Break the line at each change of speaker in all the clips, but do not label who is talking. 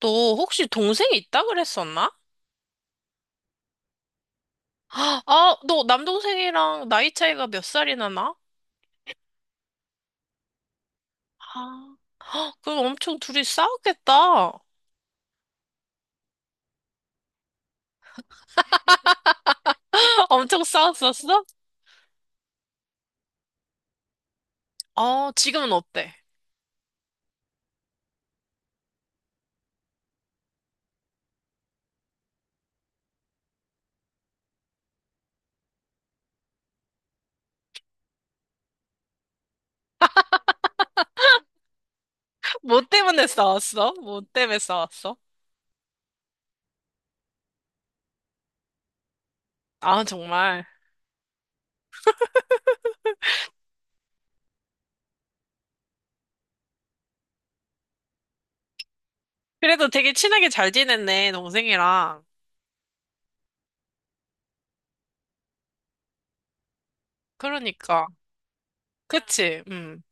너 혹시 동생이 있다 그랬었나? 아, 너 남동생이랑 나이 차이가 몇 살이나 나? 아, 그럼 엄청 둘이 싸웠겠다. 엄청 싸웠었어? 어, 지금은 어때? 뭐 때문에 싸웠어? 뭐 때문에 싸웠어? 아, 정말. 그래도 되게 친하게 잘 지냈네, 동생이랑. 그러니까. 그치? 음.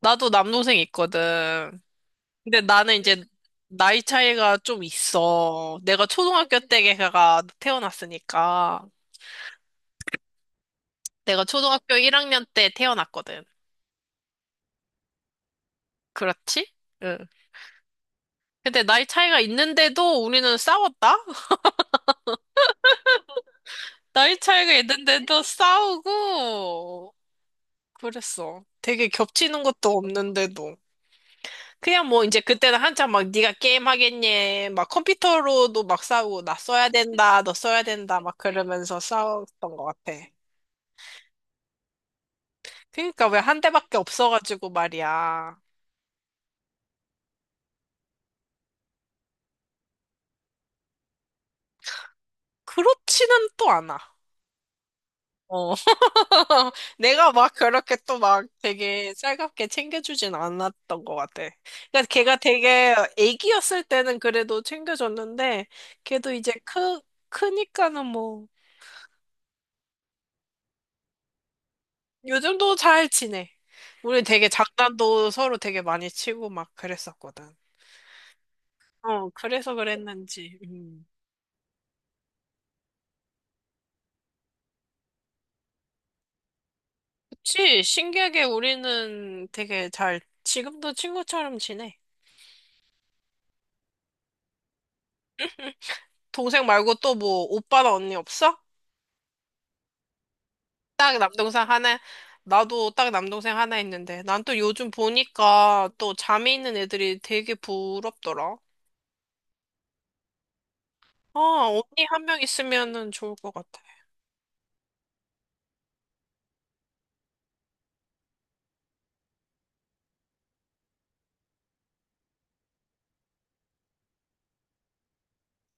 나도 남동생 있거든. 근데 나는 이제 나이 차이가 좀 있어. 내가 초등학교 때 걔가 태어났으니까. 내가 초등학교 1학년 때 태어났거든. 그렇지? 응. 근데 나이 차이가 있는데도 우리는 싸웠다? 나이 차이가 있는데도 싸우고 그랬어. 되게 겹치는 것도 없는데도. 그냥 뭐 이제 그때는 한참 막 네가 게임 하겠니? 막 컴퓨터로도 막 싸우고 나 써야 된다, 너 써야 된다 막 그러면서 싸웠던 것 같아. 그러니까 왜 한 대밖에 없어가지고 말이야. 그렇지는 또 않아. 어. 내가 막 그렇게 또 막 되게 살갑게 챙겨주진 않았던 것 같아. 그러니까 걔가 되게 애기였을 때는 그래도 챙겨줬는데, 걔도 이제 크, 크니까는 뭐, 요즘도 잘 지내. 우리 되게 장난도 서로 되게 많이 치고 막 그랬었거든. 어, 그래서 그랬는지. 음. 그치, 신기하게 우리는 되게 잘, 지금도 친구처럼 지내. 동생 말고 또 뭐, 오빠나 언니 없어? 딱 남동생 하나, 나도 딱 남동생 하나 있는데, 난 또 요즘 보니까 또 잠이 있는 애들이 되게 부럽더라. 아, 언니 한 명 있으면은 좋을 것 같아.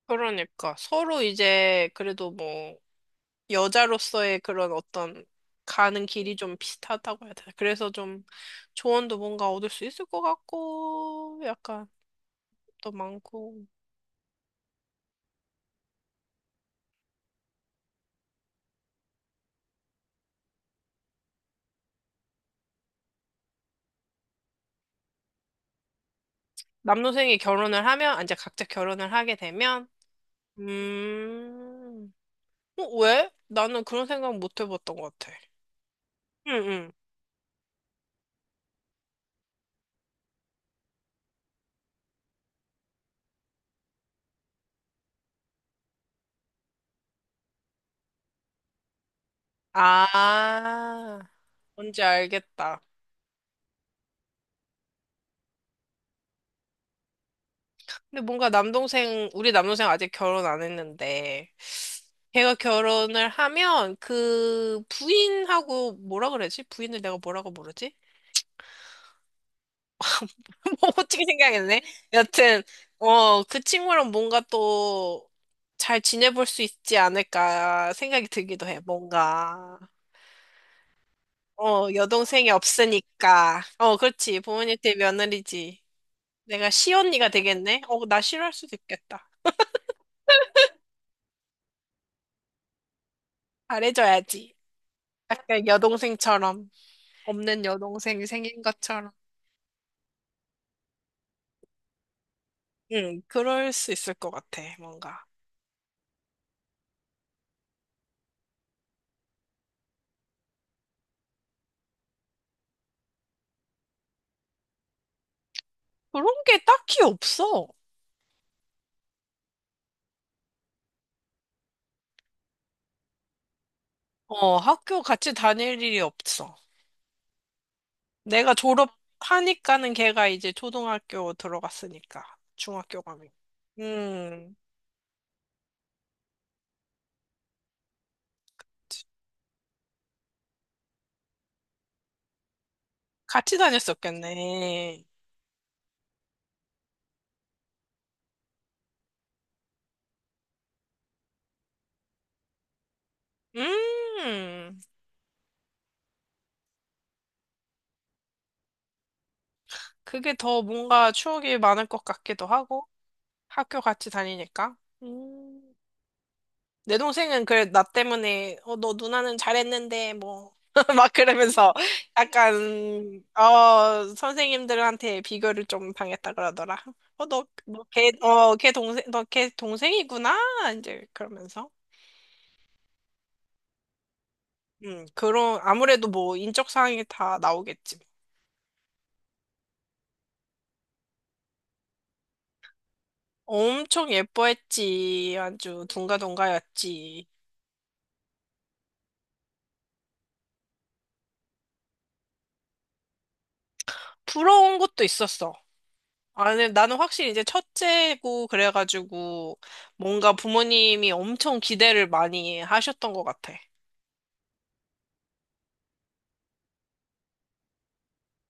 그러니까, 서로 이제 그래도 뭐, 여자로서의 그런 어떤 가는 길이 좀 비슷하다고 해야 되나. 그래서 좀 조언도 뭔가 얻을 수 있을 것 같고, 약간 또 많고. 아, 이제 각자 결혼을 하게 되면, 음, 어, 왜? 나는 그런 생각 못 해봤던 것 같아. 응, 응. 아, 뭔지 알겠다. 근데 뭔가 우리 남동생 아직 결혼 안 했는데, 걔가 결혼을 하면 그 부인하고 뭐라 그러지? 부인을 내가 뭐라고 부르지? 뭐 어떻게 생각했네? 여튼, 어, 그 친구랑 뭔가 또 잘 지내볼 수 있지 않을까 생각이 들기도 해, 뭔가. 어, 여동생이 없으니까. 어, 그렇지. 부모님 댁 며느리지. 내가 시언니가 되겠네? 어, 나 싫어할 수도 있겠다. 잘해줘야지. 약간 여동생처럼. 없는 여동생이 생긴 것처럼. 응, 그럴 수 있을 것 같아, 뭔가. 그런 게 딱히 없어. 어, 학교 같이 다닐 일이 없어. 내가 졸업하니까는 걔가 이제 초등학교 들어갔으니까. 중학교 가면. 음, 같이 다녔었겠네. 음. 그게 더 뭔가 추억이 많을 것 같기도 하고, 학교 같이 다니니까. 음. 내 동생은 그래, 나 때문에, 어, 너 누나는 잘했는데, 뭐, 막 그러면서 약간, 어, 선생님들한테 비교를 좀 당했다 그러더라. 어, 걔 동생, 너 걔 동생이구나? 이제 그러면서. 그런, 아무래도 뭐, 인적 사항이 다 나오겠지. 엄청 예뻐했지. 아주 둥가둥가였지. 부러운 것도 있었어. 아니, 나는 확실히 이제 첫째고 그래가지고 뭔가 부모님이 엄청 기대를 많이 하셨던 것 같아.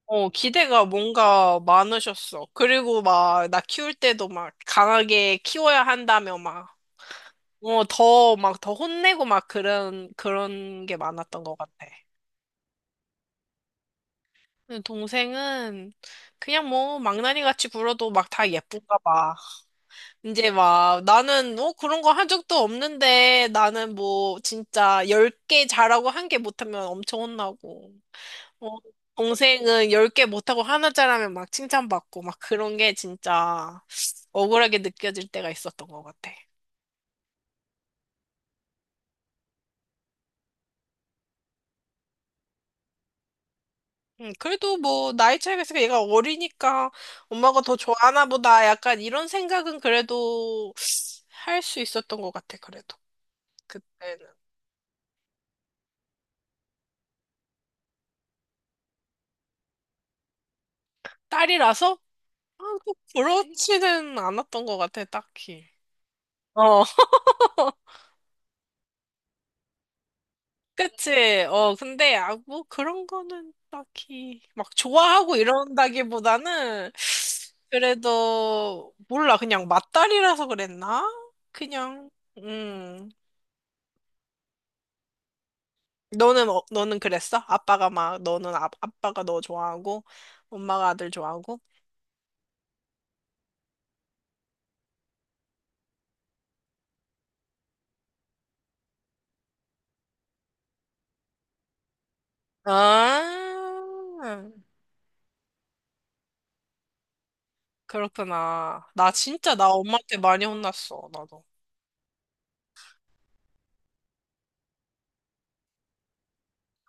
어, 기대가 뭔가 많으셨어. 그리고 막 나 키울 때도 막 강하게 키워야 한다며 막, 막 더 혼내고 막 그런 게 많았던 것 같아. 근데 동생은 그냥 뭐 망나니 같이 굴어도 막 다 예쁜가 봐. 이제 막 나는 어 그런 거 한 적도 없는데 나는 뭐 진짜 10개 잘하고 한 개 못하면 엄청 혼나고 어 동생은 10개 못하고 하나 잘하면 막 칭찬받고 막 그런 게 진짜 억울하게 느껴질 때가 있었던 것 같아. 그래도 뭐 나이 차이가 있으니까 얘가 어리니까 엄마가 더 좋아하나 보다 약간 이런 생각은 그래도 할 수 있었던 것 같아 그래도 그때는 딸이라서 아, 꼭 그렇지는 않았던 것 같아, 딱히. 어, 그치. 그런 거는 딱히, 막, 좋아하고 이런다기보다는, 그래도, 몰라. 그냥 맞다리라서 그랬나? 그냥, 음. 너는 그랬어? 너는 아빠가 너 좋아하고, 엄마가 아들 좋아하고? 아, 그렇구나. 나 엄마한테 많이 혼났어, 나도.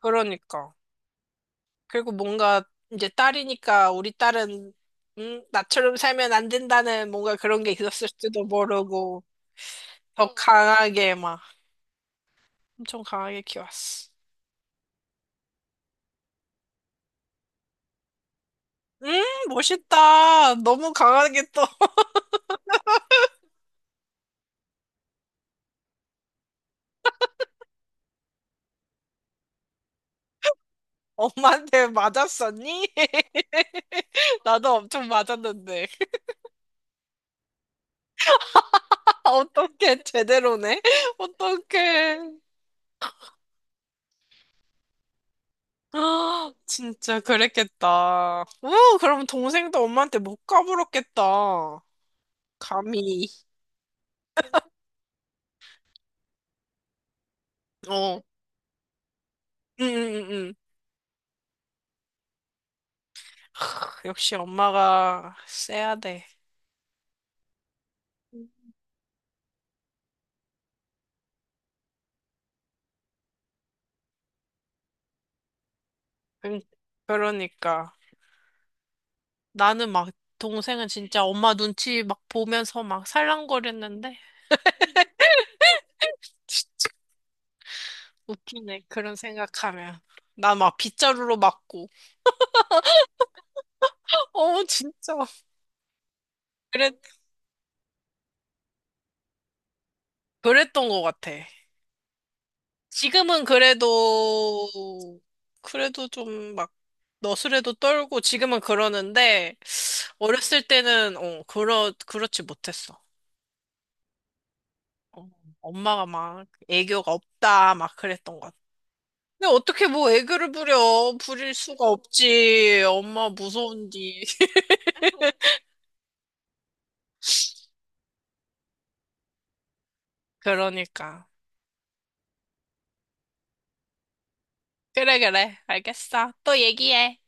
그러니까. 그리고 뭔가 이제 딸이니까 우리 딸은 나처럼 살면 안 된다는 뭔가 그런 게 있었을지도 모르고 더 응. 강하게 막 엄청 강하게 키웠어. 음, 멋있다. 너무 강하게 또 엄마한테 맞았었니? 나도 엄청 맞았는데. 어떻게 제대로네? 어떻게? 아, 진짜 그랬겠다. 우, 그럼 동생도 엄마한테 못 까불었겠다. 감히. 어. 응. 역시 엄마가 세야 돼. 응, 그러니까. 나는 막, 동생은 진짜 엄마 눈치 막 보면서 막 살랑거렸는데, 치, 웃기네. 그런 생각하면. 나 막 빗자루로 맞고. 어, 진짜. 그랬, 그랬던 것 같아. 지금은 그래도, 그래도 좀 막, 너스레도 떨고, 지금은 그러는데, 어렸을 때는, 어, 그렇지 못했어. 어, 엄마가 막 애교가 없다 막 그랬던 것 같아. 근데 어떻게 뭐 애교를 부려? 부릴 수가 없지. 엄마 무서운디. 그러니까. 그래, 그래. 알겠어. 또 얘기해.